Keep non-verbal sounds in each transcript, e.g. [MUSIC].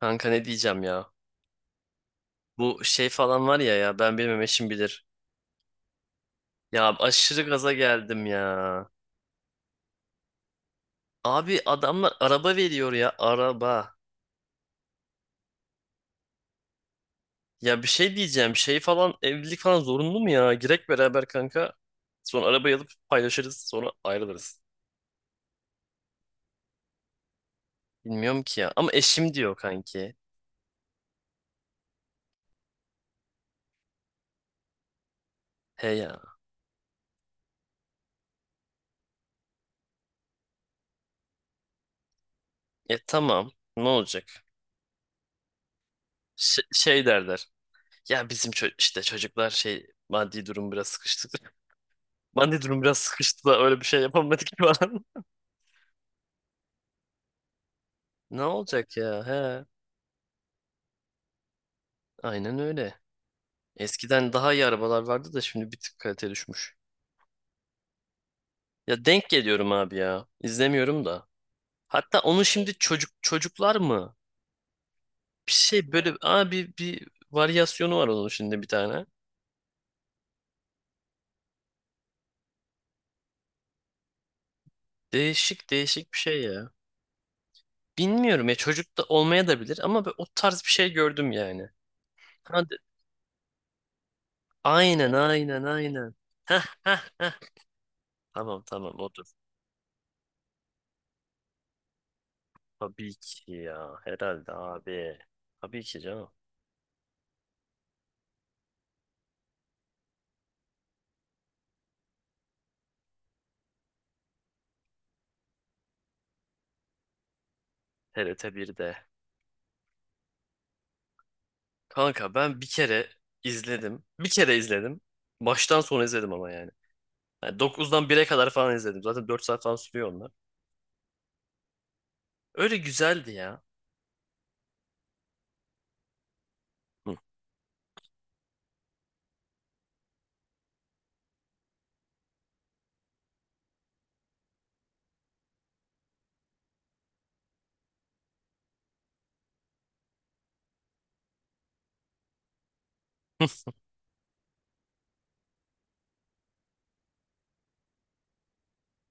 Kanka ne diyeceğim ya? Bu şey falan var ya, ya ben bilmem eşim bilir. Ya aşırı gaza geldim ya. Abi adamlar araba veriyor ya, araba. Ya bir şey diyeceğim, şey falan evlilik falan zorunlu mu ya? Girek beraber kanka. Sonra arabayı alıp paylaşırız, sonra ayrılırız. Bilmiyorum ki ya, ama eşim diyor kanki. He ya. E tamam, ne olacak? Şey derler. Ya bizim işte çocuklar şey, maddi durum biraz sıkıştı. [LAUGHS] Maddi durum biraz sıkıştı da öyle bir şey yapamadık [LAUGHS] falan. Ne olacak ya? He, aynen öyle. Eskiden daha iyi arabalar vardı da şimdi bir tık kalite düşmüş. Ya denk geliyorum abi ya. İzlemiyorum da. Hatta onun şimdi çocuklar mı? Bir şey böyle abi, bir varyasyonu var onun şimdi bir tane. Değişik değişik bir şey ya. Bilmiyorum ya, çocuk da olmaya da bilir ama ben o tarz bir şey gördüm yani. Hadi. Aynen. Heh, heh, heh. Tamam odur. Tabii ki ya, herhalde abi. Tabii ki canım. TRT 1'de. Kanka ben bir kere izledim. Bir kere izledim. Baştan sona izledim ama yani. Yani 9'dan 1'e kadar falan izledim. Zaten 4 saat falan sürüyor onlar. Öyle güzeldi ya. Hı.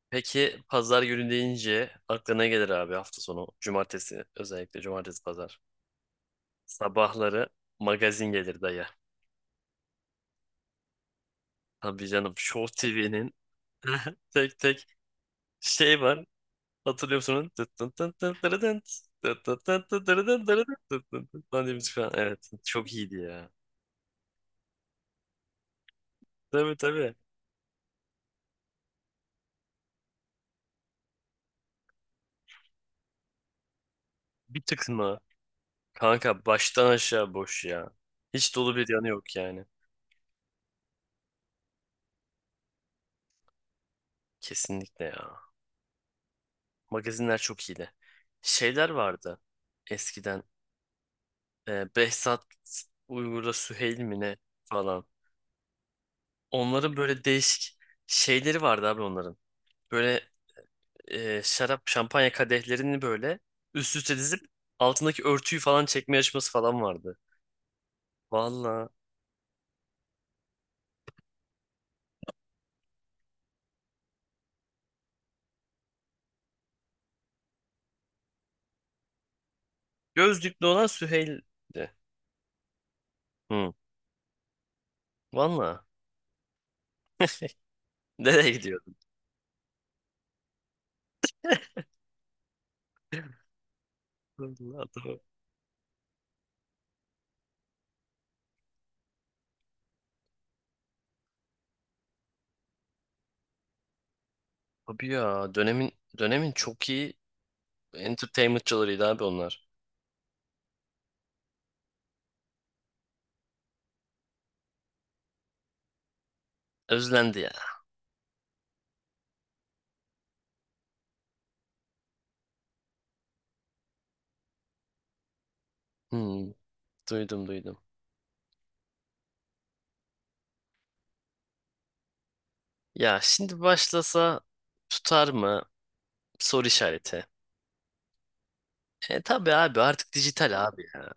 Peki pazar günü deyince aklına ne gelir abi, hafta sonu. Cumartesi, özellikle cumartesi pazar. Sabahları magazin gelir dayı. Tabii canım, Show TV'nin [LAUGHS] tek tek şey var. Hatırlıyor musunuz? Tıt tın tın tın tırı tın, tıt tın tın tın tırı tın tırı tın, tıt tın tın falan diye müzik falan. Evet, çok iyiydi ya. Tabii. Bir tıkma. Kanka baştan aşağı boş ya. Hiç dolu bir yanı yok yani. Kesinlikle ya. Magazinler çok iyiydi. Şeyler vardı eskiden. Behzat uygurda Süheyl mi ne falan. Onların böyle değişik şeyleri vardı abi onların. Böyle şarap, şampanya kadehlerini böyle üst üste dizip altındaki örtüyü falan çekme yarışması falan vardı. Valla. Gözlüklü olan Süheyl'di. Hı. Valla. Nereye gidiyordun? Allah adam. Abi ya, dönemin çok iyi entertainmentçılarıydı abi onlar. Özlendi ya. Hmm, duydum. Ya şimdi başlasa tutar mı? Soru işareti. E tabi abi, artık dijital abi ya.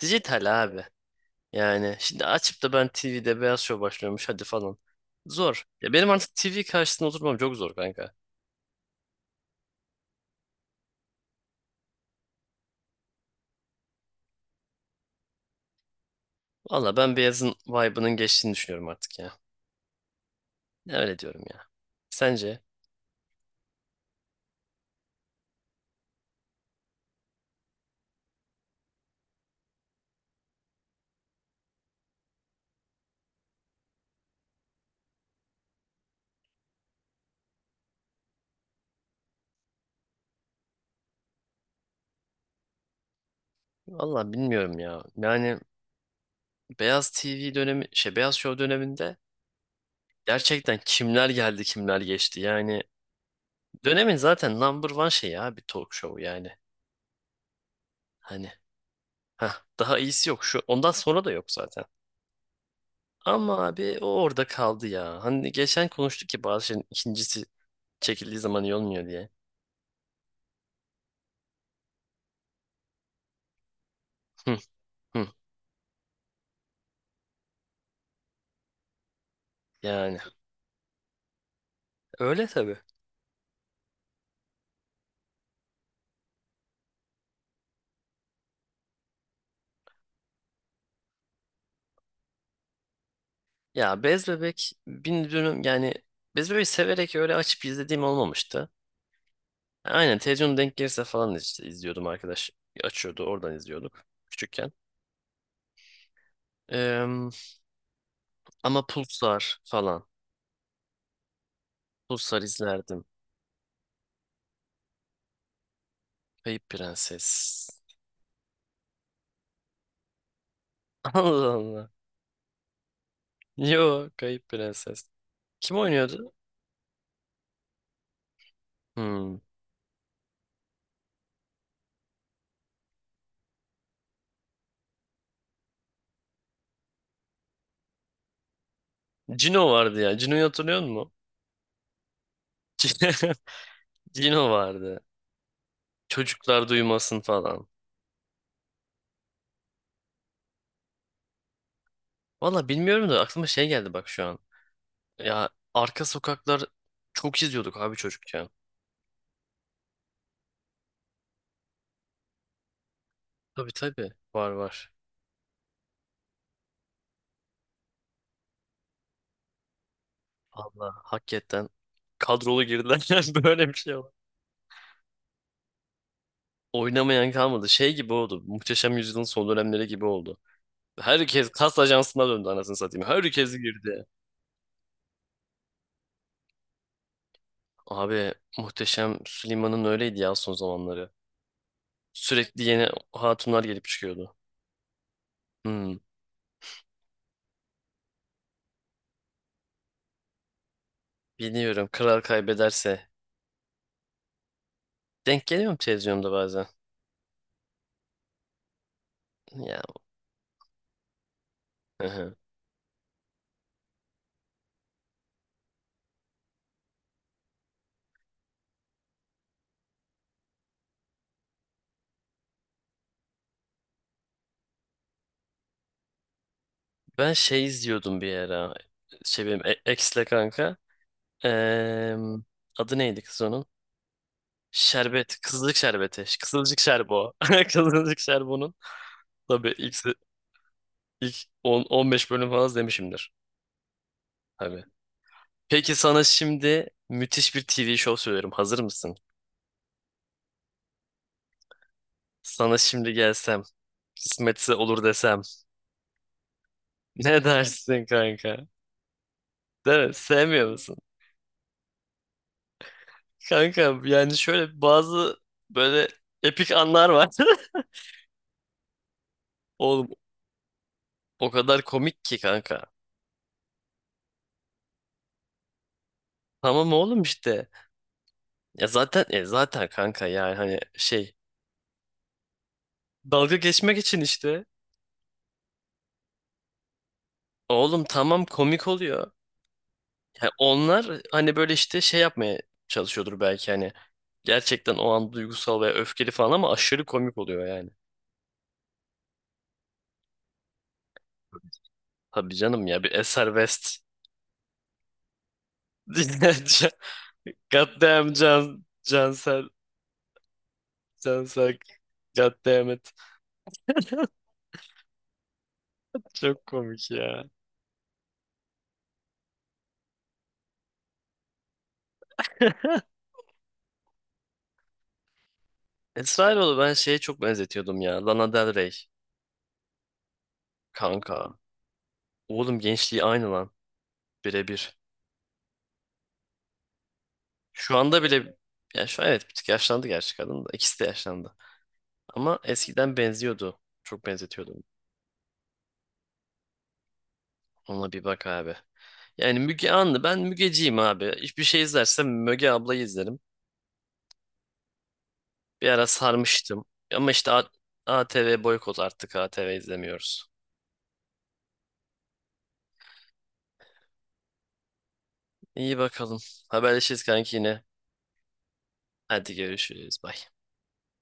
Dijital abi. Yani şimdi açıp da ben TV'de Beyaz Şov başlıyormuş hadi falan. Zor. Ya benim artık TV karşısında oturmam çok zor kanka. Valla ben Beyaz'ın vibe'ının geçtiğini düşünüyorum artık ya. Öyle diyorum ya. Sence? Valla bilmiyorum ya. Yani Beyaz TV dönemi, şey, Beyaz Show döneminde gerçekten kimler geldi kimler geçti. Yani dönemin zaten number one şeyi abi, talk show yani. Hani heh, daha iyisi yok şu, ondan sonra da yok zaten. Ama abi o orada kaldı ya. Hani geçen konuştuk ki bazı şeyin ikincisi çekildiği zaman iyi olmuyor diye. Hı, hı. Yani öyle tabii. Ya Bez Bebek bin dönüm yani, Bez Bebek'i severek öyle açıp izlediğim olmamıştı. Aynen, televizyonda denk gelirse falan işte izliyordum arkadaş. Açıyordu oradan izliyorduk küçükken. Eee, ama Pulsar falan. Pulsar izlerdim. Kayıp Prenses. [LAUGHS] Allah Allah. Yo, Kayıp Prenses. Kim oynuyordu? Hmm. Cino vardı ya. Cino'yu hatırlıyor musun? [LAUGHS] Cino vardı. Çocuklar duymasın falan. Valla bilmiyorum da, aklıma şey geldi bak şu an. Ya Arka Sokaklar çok izliyorduk abi çocukken. Tabii. Var. Allah, hakikaten kadrolu girdiler [LAUGHS] yani, böyle bir şey var. Oynamayan kalmadı. Şey gibi oldu. Muhteşem Yüzyıl'ın son dönemleri gibi oldu. Herkes kas ajansına döndü anasını satayım. Herkes girdi. Abi Muhteşem Süleyman'ın öyleydi ya son zamanları. Sürekli yeni hatunlar gelip çıkıyordu. Hmm, biliyorum, kral kaybederse. Denk geliyorum televizyonda bazen. Ya, hı hı. Ben şey izliyordum bir ara. Şey benim ex'le kanka. Eee, adı neydi kız onun? Şerbet. Kızılcık şerbeti. Kızılcık şerbo. [LAUGHS] Kızılcık şerbonun. Tabii ilk, ilk 10-15 bölüm falan izlemişimdir. Tabii. Peki sana şimdi müthiş bir TV show söylüyorum. Hazır mısın? Sana şimdi gelsem. Kısmetse olur desem. [LAUGHS] Ne dersin kanka? Değil mi? Sevmiyor musun? Kanka yani şöyle bazı böyle epik anlar var. [LAUGHS] Oğlum o kadar komik ki kanka. Tamam oğlum işte. Ya zaten kanka yani hani şey, dalga geçmek için işte. Oğlum tamam, komik oluyor. Yani onlar hani böyle işte şey yapmaya çalışıyordur belki hani. Gerçekten o an duygusal veya öfkeli falan ama aşırı komik oluyor yani. Tabii canım ya, bir Eser West. [LAUGHS] Dinlerce. God damn Can, Cansel, Cansel. God damn it. [LAUGHS] Çok komik ya. Esraoğlu ben şeye çok benzetiyordum ya. Lana Del Rey. Kanka. Oğlum gençliği aynı lan. Birebir. Şu anda bile, ya şu an evet bir tık yaşlandı gerçi kadın da. İkisi de yaşlandı. Ama eskiden benziyordu. Çok benzetiyordum. Ona bir bak abi. Yani Müge Anlı, ben Mügeciyim abi. Hiçbir şey izlersem Müge ablayı izlerim. Bir ara sarmıştım. Ama işte ATV boykot, artık ATV izlemiyoruz. İyi bakalım. Haberleşiriz kanki yine. Hadi görüşürüz. Bye.